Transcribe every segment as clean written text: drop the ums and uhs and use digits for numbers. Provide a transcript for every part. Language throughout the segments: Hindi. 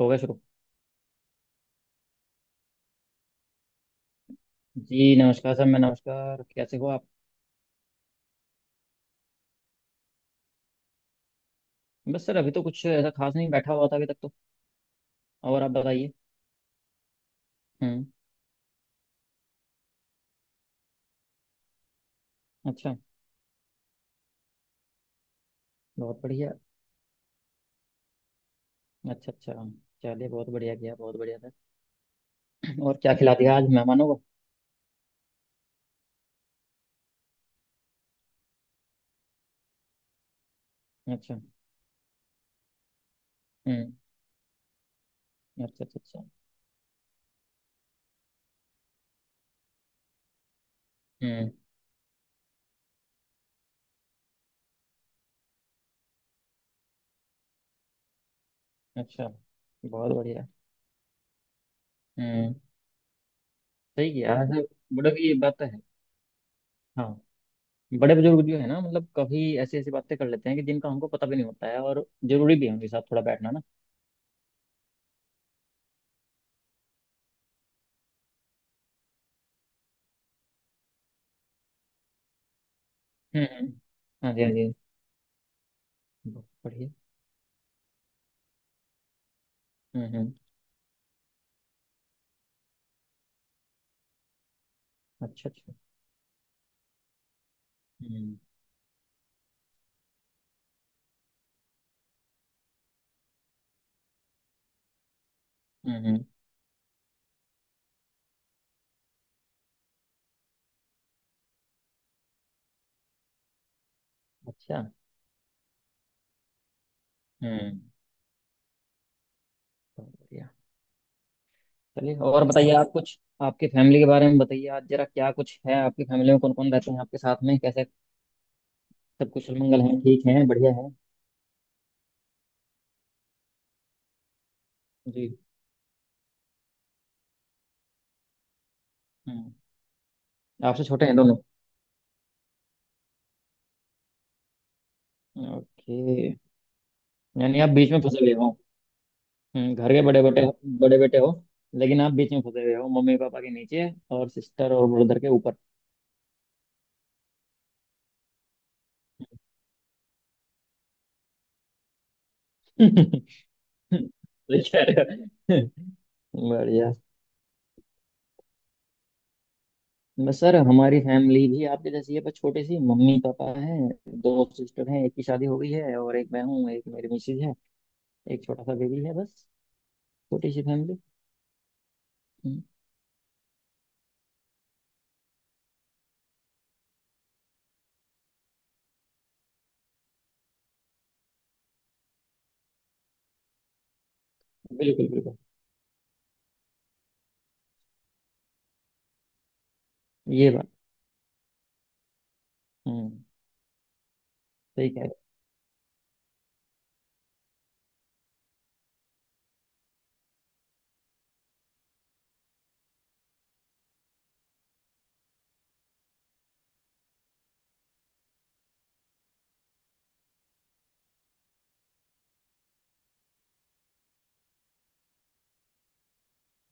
हो गया शुरू। जी नमस्कार सर, मैं नमस्कार। कैसे हो आप। बस सर अभी तो कुछ ऐसा खास नहीं बैठा हुआ था अभी तक तो। और आप बताइए। हम्म। अच्छा। बहुत बढ़िया। अच्छा अच्छा। चलिए बहुत बढ़िया किया, बहुत बढ़िया सर। और क्या खिला दिया आज मेहमानों को। अच्छा। हम्म। अच्छा अच्छा अच्छा। हम्म। अच्छा। बहुत बढ़िया। हम्म। सही किया सर। बड़े की ये बात तो है। हाँ। बड़े बुजुर्ग जो है ना मतलब कभी ऐसी ऐसी बातें कर लेते हैं कि जिनका हमको पता भी नहीं होता है, और जरूरी भी है उनके साथ थोड़ा बैठना ना। हम्म हम्म। हाँ जी हाँ जी। बहुत बढ़िया। हम्म। अच्छा अच्छा। हम्म, हम्म। अच्छा। हम्म। बहुत बढ़िया। चलिए और बताइए, आप कुछ आपकी फैमिली के बारे में बताइए आज जरा, क्या कुछ है आपकी फैमिली में, कौन कौन रहते हैं आपके साथ में, कैसे, सब कुशल मंगल हैं, ठीक हैं, बढ़िया है। जी। हम्म। आपसे छोटे हैं दोनों। ओके। यानी आप बीच में फंसे हुए हो। घर के बड़े बेटे। बड़े बेटे हो। लेकिन आप बीच में फंसे हुए हो, मम्मी पापा के नीचे और सिस्टर और ब्रदर के ऊपर। सही कह रहे हो। बढ़िया। बस सर, हमारी फैमिली भी आपके जैसी है, बस छोटी सी, मम्मी पापा हैं, दो सिस्टर हैं, एक की शादी हो गई है और एक मैं हूँ, एक मेरी मिसेज है, एक छोटा सा बेबी है, बस। छोटी सी फैमिली। हम्म। बिल्कुल बिल्कुल। ये बात। हम्म। सही कह रहे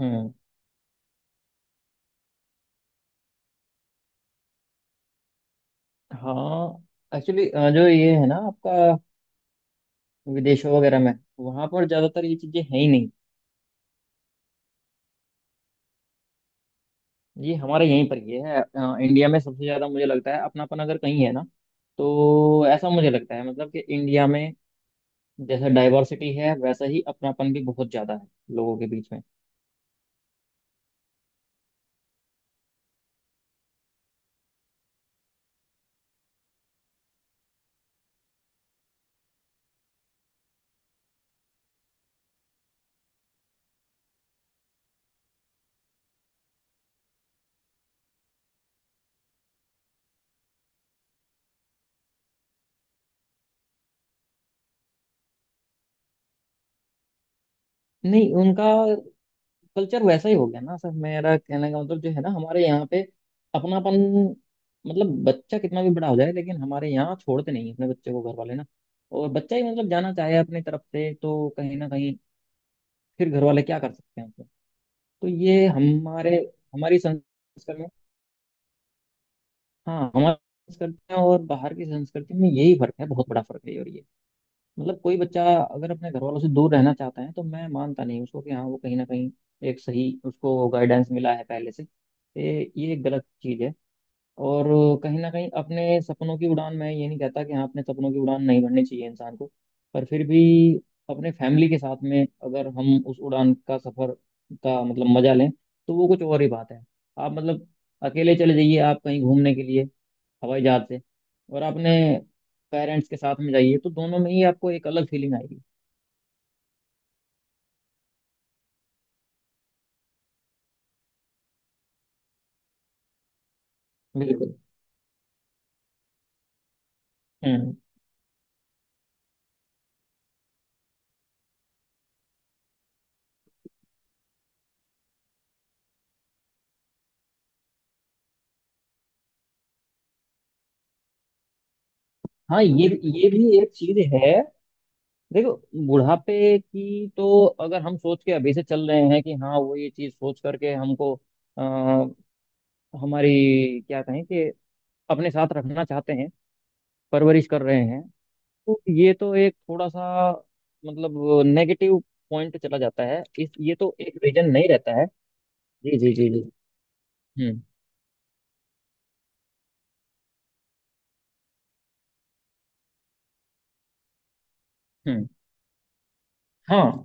हो। हम्म। हाँ एक्चुअली, जो ये है ना आपका, विदेशों वगैरह में वहां पर ज्यादातर ये चीजें हैं ही नहीं। ये हमारे यहीं पर ही है, इंडिया में सबसे ज्यादा मुझे लगता है अपनापन अगर कहीं है ना, तो ऐसा मुझे लगता है मतलब कि इंडिया में जैसे डाइवर्सिटी है, वैसा ही अपनापन भी बहुत ज्यादा है लोगों के बीच में। नहीं उनका कल्चर वैसा ही हो गया ना सर, मेरा कहने का मतलब, जो है ना हमारे यहाँ पे अपनापन, मतलब बच्चा कितना भी बड़ा हो जाए लेकिन हमारे यहाँ छोड़ते नहीं हैं अपने बच्चे को घर वाले ना। और बच्चा ही मतलब जाना चाहे अपनी तरफ से, तो कहीं ना कहीं फिर घर वाले क्या कर सकते हैं उसमें। तो ये हमारे हमारी संस्कृति में। हाँ, हमारी संस्कृति में और बाहर की संस्कृति में यही फर्क है, बहुत बड़ा फर्क है। और मतलब कोई बच्चा अगर अपने घर वालों से दूर रहना चाहता है, तो मैं मानता नहीं उसको कि हाँ वो कहीं ना कहीं एक सही उसको गाइडेंस मिला है पहले से। ये एक गलत चीज़ है। और कहीं ना कहीं अपने सपनों की उड़ान, मैं ये नहीं कहता कि हाँ अपने सपनों की उड़ान नहीं भरनी चाहिए इंसान को, पर फिर भी अपने फैमिली के साथ में अगर हम उस उड़ान का सफर का मतलब मजा लें, तो वो कुछ और ही बात है। आप मतलब अकेले चले जाइए, आप कहीं घूमने के लिए हवाई जहाज से, और आपने पेरेंट्स के साथ में जाइए, तो दोनों में ही आपको एक अलग फीलिंग आएगी। बिल्कुल। हम्म। हाँ ये भी एक चीज है। देखो बुढ़ापे की, तो अगर हम सोच के अभी से चल रहे हैं कि हाँ वो ये चीज सोच करके हमको आ, हमारी क्या कहें कि अपने साथ रखना चाहते हैं, परवरिश कर रहे हैं, तो ये तो एक थोड़ा सा मतलब नेगेटिव पॉइंट चला जाता है इस, ये तो एक रीजन नहीं रहता है। जी जी जी जी। हम्म। हम्म। हाँ।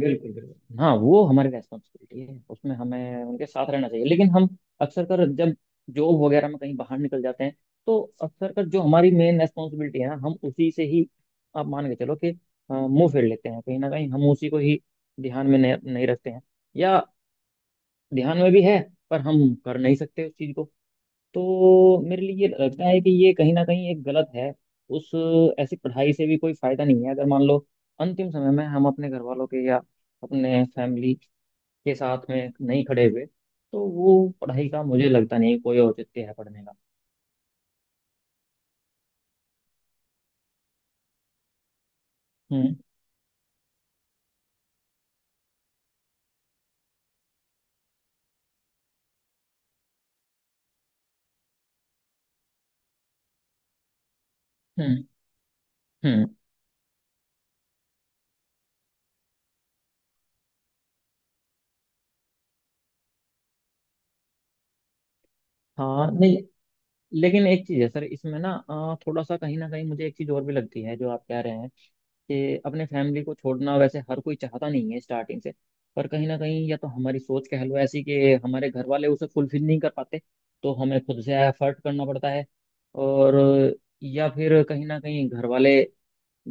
बिल्कुल बिल्कुल, हाँ वो हमारी रेस्पॉन्सिबिलिटी है, उसमें हमें उनके साथ रहना चाहिए, लेकिन हम अक्सर कर जब जॉब वगैरह में कहीं बाहर निकल जाते हैं तो अक्सर कर जो हमारी मेन रेस्पॉन्सिबिलिटी है ना, हम उसी से ही, आप मान के चलो कि मुंह फेर लेते हैं, कहीं ना कहीं हम उसी को ही ध्यान में नहीं, नहीं रखते हैं, या ध्यान में भी है पर हम कर नहीं सकते उस चीज को। तो मेरे लिए ये लगता है कि ये कहीं ना कहीं एक गलत है। उस ऐसी पढ़ाई से भी कोई फायदा नहीं है, अगर मान लो अंतिम समय में हम अपने घर वालों के या अपने फैमिली के साथ में नहीं खड़े हुए, तो वो पढ़ाई का मुझे लगता नहीं कोई औचित्य है पढ़ने का। हम्म हम्म हम्म। हाँ नहीं, लेकिन एक चीज़ है सर इसमें ना, थोड़ा सा कहीं ना कहीं मुझे एक चीज़ और भी लगती है जो आप कह रहे हैं, कि अपने फैमिली को छोड़ना वैसे हर कोई चाहता नहीं है स्टार्टिंग से। पर कहीं ना कहीं या तो हमारी सोच कह लो ऐसी कि हमारे घर वाले उसे फुलफिल नहीं कर पाते, तो हमें खुद से एफर्ट करना पड़ता है। और या फिर कहीं ना कहीं घर वाले,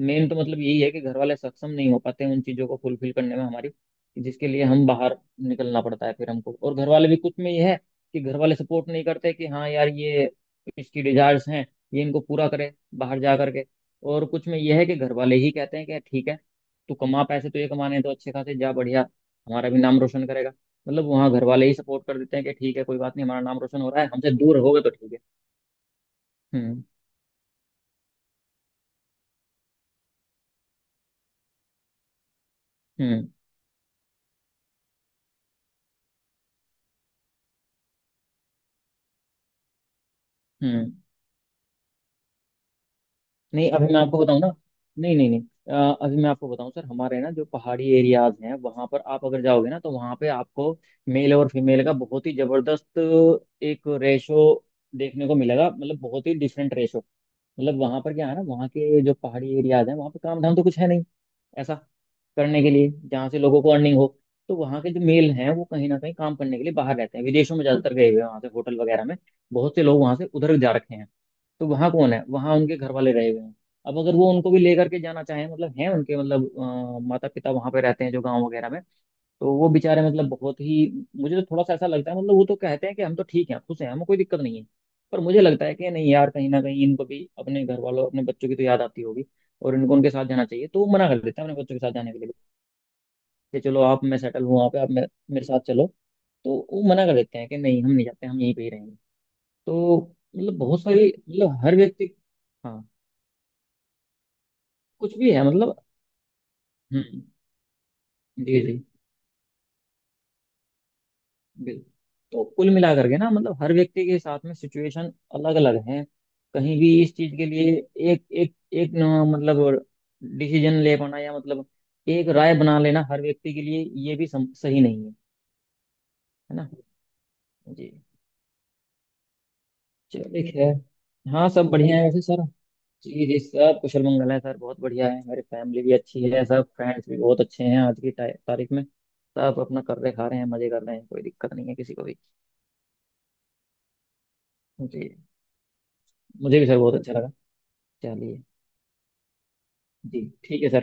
मेन तो मतलब यही है कि घर वाले सक्षम नहीं हो पाते उन चीज़ों को फुलफिल करने में हमारी, कि जिसके लिए हम बाहर निकलना पड़ता है फिर हमको, और घर वाले भी कुछ में ये है कि घर वाले सपोर्ट नहीं करते कि हाँ यार ये इसकी डिजायर्स हैं, ये इनको पूरा करे बाहर जा करके। और कुछ में ये है कि घर वाले ही कहते हैं कि ठीक है, तू कमा पैसे, तो ये कमाने हैं, तो अच्छे खासे जा, बढ़िया, हमारा भी नाम रोशन करेगा। मतलब वहाँ घर वाले ही सपोर्ट कर देते हैं कि ठीक है कोई बात नहीं, हमारा नाम रोशन हो रहा है, हमसे दूर रहोगे तो ठीक है। हम्म हम्म हम्म। नहीं अभी मैं आपको बताऊं ना। नहीं नहीं नहीं। अभी मैं आपको बताऊं सर, हमारे ना जो पहाड़ी एरियाज हैं वहां पर आप अगर जाओगे ना, तो वहां पे आपको मेल और फीमेल का बहुत ही जबरदस्त एक रेशो देखने को मिलेगा, मतलब बहुत ही डिफरेंट रेशो। मतलब वहां पर क्या है ना, वहाँ के जो पहाड़ी एरियाज हैं, वहां पे काम धाम तो कुछ है नहीं ऐसा करने के लिए जहाँ से लोगों को अर्निंग हो। तो वहाँ के जो मेल हैं वो कहीं ना कहीं काम करने के लिए बाहर रहते हैं विदेशों में, ज्यादातर गए हुए हैं वहाँ से होटल वगैरह में। बहुत से लोग वहाँ से उधर जा रखे हैं। तो वहाँ कौन है, वहाँ उनके घर वाले रहे हुए हैं। अब अगर वो उनको भी लेकर के जाना चाहें, मतलब हैं उनके, मतलब माता पिता वहाँ पे रहते हैं जो गाँव वगैरह में, तो वो बेचारे, मतलब बहुत ही, मुझे तो थोड़ा सा ऐसा लगता है, मतलब वो तो कहते हैं कि हम तो ठीक हैं, खुश हैं, हमें कोई दिक्कत नहीं है। पर मुझे लगता है कि नहीं यार, कहीं ना कहीं इनको भी अपने घर वालों, अपने बच्चों की तो याद आती होगी, और इनको उनके साथ जाना चाहिए, तो वो मना कर देते हैं अपने बच्चों के साथ जाने के लिए कि चलो आप, मैं सेटल हूँ वहाँ पे, आप मेरे साथ चलो। तो वो मना कर देते हैं कि नहीं हम नहीं जाते, हम यहीं पे ही रहेंगे। तो मतलब बहुत सारी, मतलब हर व्यक्ति। हाँ। कुछ भी है मतलब। हम्म। जी जी। बिल्कुल। तो कुल मिला करके ना, मतलब हर व्यक्ति के साथ में सिचुएशन अलग अलग है। कहीं भी इस चीज के लिए एक एक एक न, मतलब डिसीजन ले पाना, या मतलब एक राय बना लेना हर व्यक्ति के लिए, ये भी सही नहीं है। है ना। जी। चलिए खैर। हाँ सब बढ़िया है वैसे सर। जी जी, सब कुशल मंगल है सर, बहुत बढ़िया है, मेरी फैमिली भी अच्छी है, सब फ्रेंड्स भी बहुत अच्छे हैं आज की तारीख में। सब अपना कर रहे, खा रहे हैं, मजे कर रहे हैं, कोई दिक्कत नहीं है किसी को भी। जी। मुझे भी सर बहुत अच्छा लगा। चलिए। जी ठीक है सर।